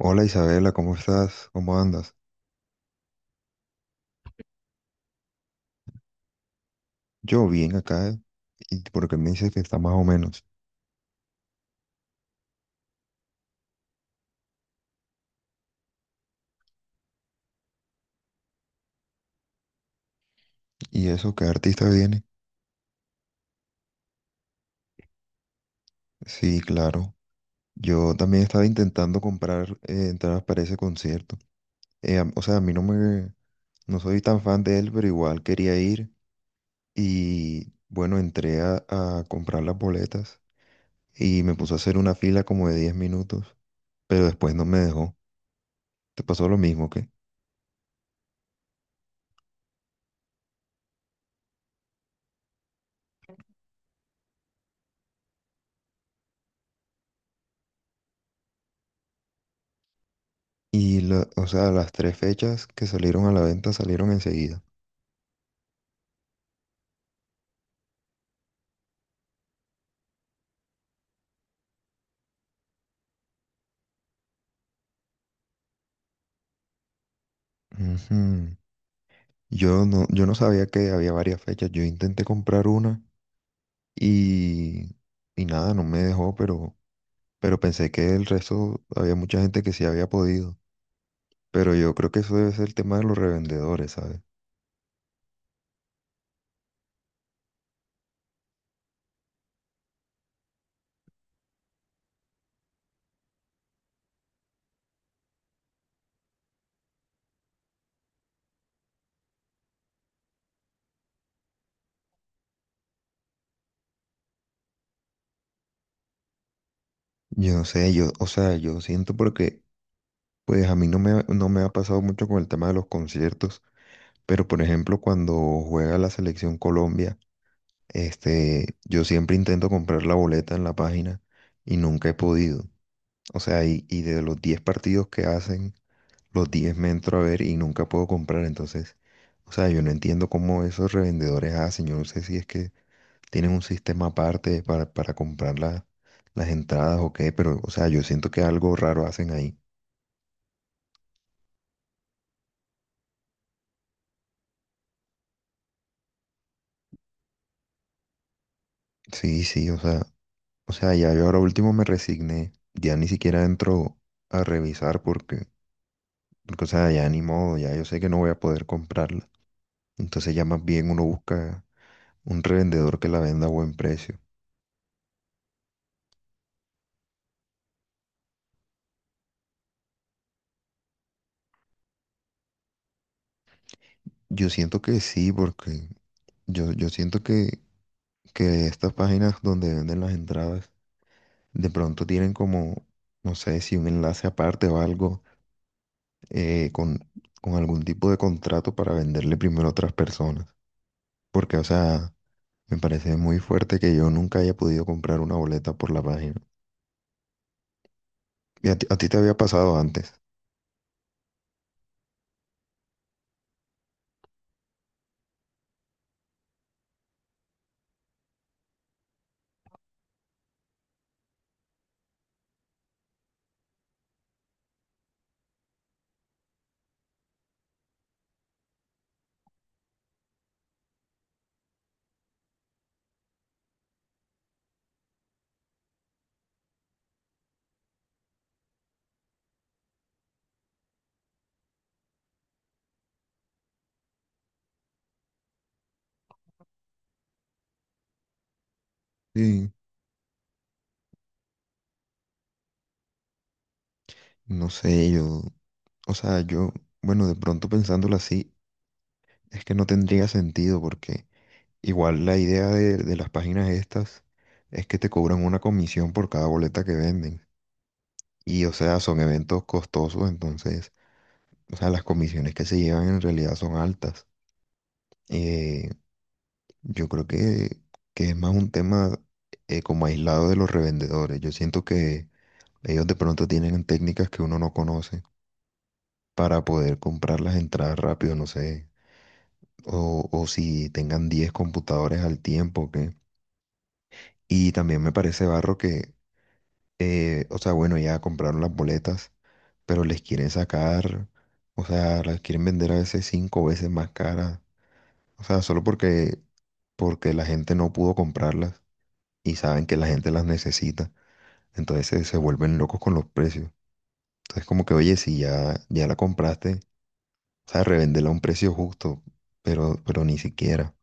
Hola Isabela, ¿cómo estás? ¿Cómo andas? Yo bien acá, y porque me dices que está más o menos. ¿Y eso qué artista viene? Sí, claro. Yo también estaba intentando comprar entradas para ese concierto. O sea, a mí no me, no soy tan fan de él, pero igual quería ir. Y bueno, entré a comprar las boletas y me puso a hacer una fila como de 10 minutos, pero después no me dejó. ¿Te pasó lo mismo que? Y, o sea, las tres fechas que salieron a la venta salieron enseguida. Ujú. Yo no sabía que había varias fechas. Yo intenté comprar una y, y nada, no me dejó, pero pensé que el resto había mucha gente que sí había podido. Pero yo creo que eso debe ser el tema de los revendedores, ¿sabes? Yo no sé, yo, o sea, yo siento porque, pues a mí no me, no me ha pasado mucho con el tema de los conciertos, pero por ejemplo, cuando juega la selección Colombia, yo siempre intento comprar la boleta en la página y nunca he podido. O sea, y de los 10 partidos que hacen, los 10 me entro a ver y nunca puedo comprar. Entonces, o sea, yo no entiendo cómo esos revendedores hacen. Yo no sé si es que tienen un sistema aparte para comprar las entradas o qué, pero, o sea, yo siento que algo raro hacen ahí. Sí, sí, o sea, ya yo ahora último me resigné. Ya ni siquiera entro a revisar porque, o sea, ya ni modo, ya yo sé que no voy a poder comprarla. Entonces ya más bien uno busca un revendedor que la venda a buen precio. Yo siento que sí, porque yo siento que estas páginas donde venden las entradas de pronto tienen como, no sé, si un enlace aparte o algo eh, con, con algún tipo de contrato para venderle primero a otras personas. Porque, o sea, me parece muy fuerte que yo nunca haya podido comprar una boleta por la página. ¿Y a ti te había pasado antes? Sí. No sé, yo, o sea, yo, bueno, de pronto pensándolo así, es que no tendría sentido porque... Igual la idea de las páginas estas es que te cobran una comisión por cada boleta que venden. Y o sea, son eventos costosos, entonces, o sea, las comisiones que se llevan en realidad son altas. Eh, yo creo que es más un tema como aislado de los revendedores. Yo siento que ellos de pronto tienen técnicas que uno no conoce para poder comprar las entradas rápido, no sé. O si tengan 10 computadores al tiempo, que... Y también me parece barro que o sea, bueno, ya compraron las boletas, pero les quieren sacar, o sea, las quieren vender a veces cinco veces más caras. O sea, solo porque la gente no pudo comprarlas y saben que la gente las necesita. Entonces se vuelven locos con los precios. Entonces como que, oye, si ya, ya la compraste, o sea, revéndela a un precio justo, pero ni siquiera.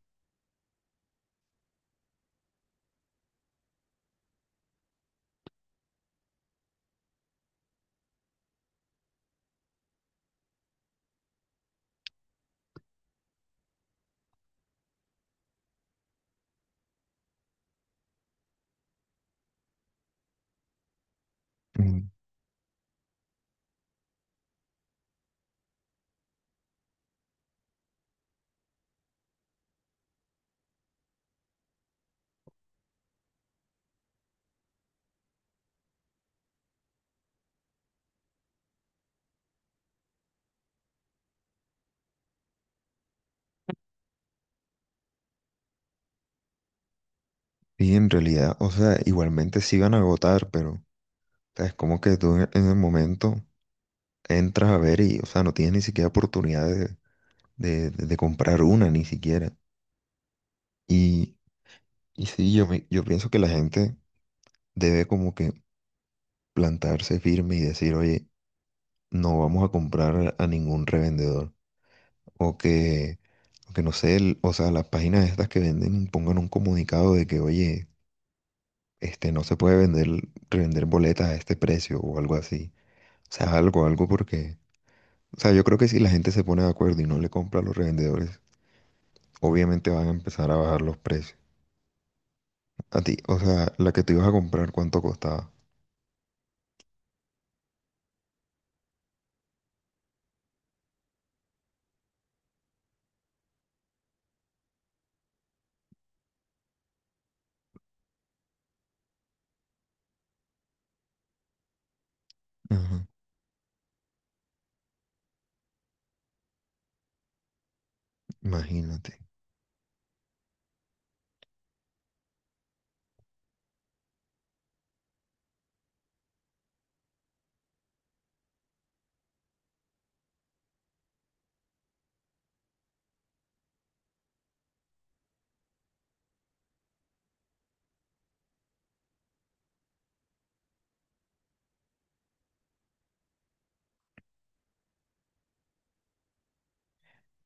Mm, Sí, en realidad, o sea, igualmente sí van a agotar, pero o sea, es como que tú en el momento entras a ver y, o sea, no tienes ni siquiera oportunidad de comprar una, ni siquiera. Y, y sí, yo, yo pienso que la gente debe como que plantarse firme y decir, oye, no vamos a comprar a ningún revendedor. O que, o que no sé, o sea, las páginas estas que venden pongan un comunicado de que, oye, no se puede vender, revender boletas a este precio o algo así. O sea, algo, algo porque... O sea, yo creo que si la gente se pone de acuerdo y no le compra a los revendedores, obviamente van a empezar a bajar los precios. A ti, o sea, la que te ibas a comprar, ¿cuánto costaba? Ajá, imagínate.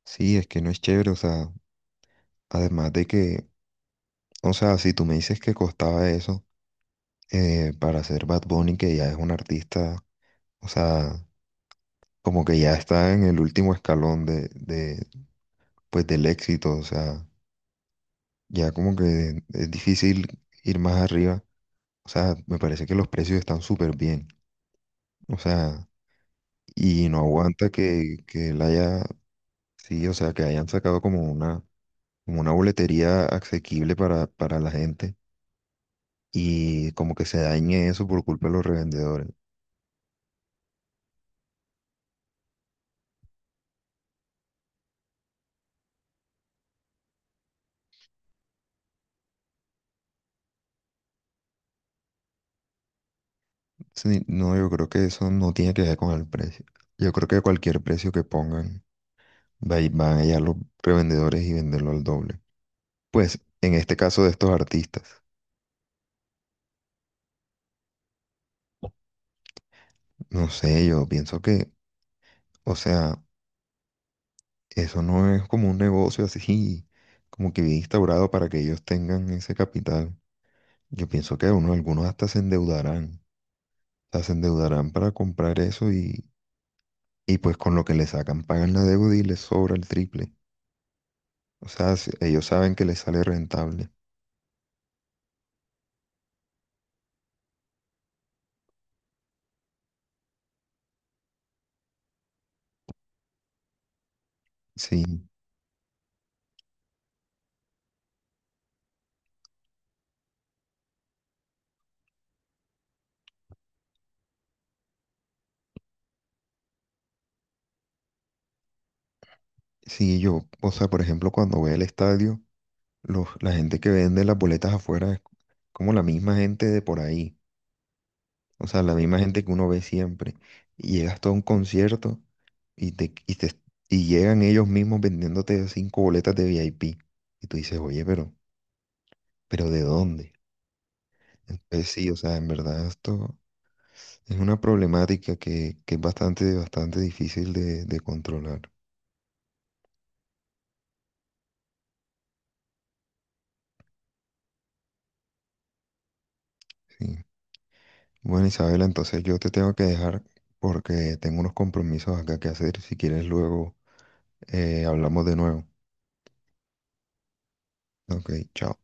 Sí, es que no es chévere, o sea, además de que, o sea, si tú me dices que costaba eso para ser Bad Bunny, que ya es un artista, o sea, como que ya está en el último escalón de pues del éxito, o sea, ya como que es difícil ir más arriba, o sea, me parece que los precios están súper bien, o sea, y no aguanta que él haya. Sí, o sea, que hayan sacado como una boletería asequible para la gente y como que se dañe eso por culpa de los revendedores. Sí, no, yo creo que eso no tiene que ver con el precio. Yo creo que cualquier precio que pongan, van allá los revendedores y venderlo al doble. Pues en este caso de estos artistas, no sé, yo pienso que, o sea, eso no es como un negocio así, como que bien instaurado para que ellos tengan ese capital. Yo pienso que uno, algunos hasta se endeudarán. Sea, se endeudarán para comprar eso y pues con lo que le sacan pagan la deuda y les sobra el triple. O sea, ellos saben que les sale rentable. Sí, sí, yo, o sea, por ejemplo, cuando voy al estadio, la gente que vende las boletas afuera es como la misma gente de por ahí. O sea, la misma gente que uno ve siempre. Y llegas todo a un concierto y y llegan ellos mismos vendiéndote cinco boletas de VIP. Y tú dices, oye, pero ¿de dónde? Entonces sí, o sea, en verdad esto. Es una problemática que es bastante, bastante difícil de controlar, sí. Bueno, Isabela, entonces yo te tengo que dejar porque tengo unos compromisos acá que hacer. Si quieres, luego hablamos de nuevo. Ok, chao.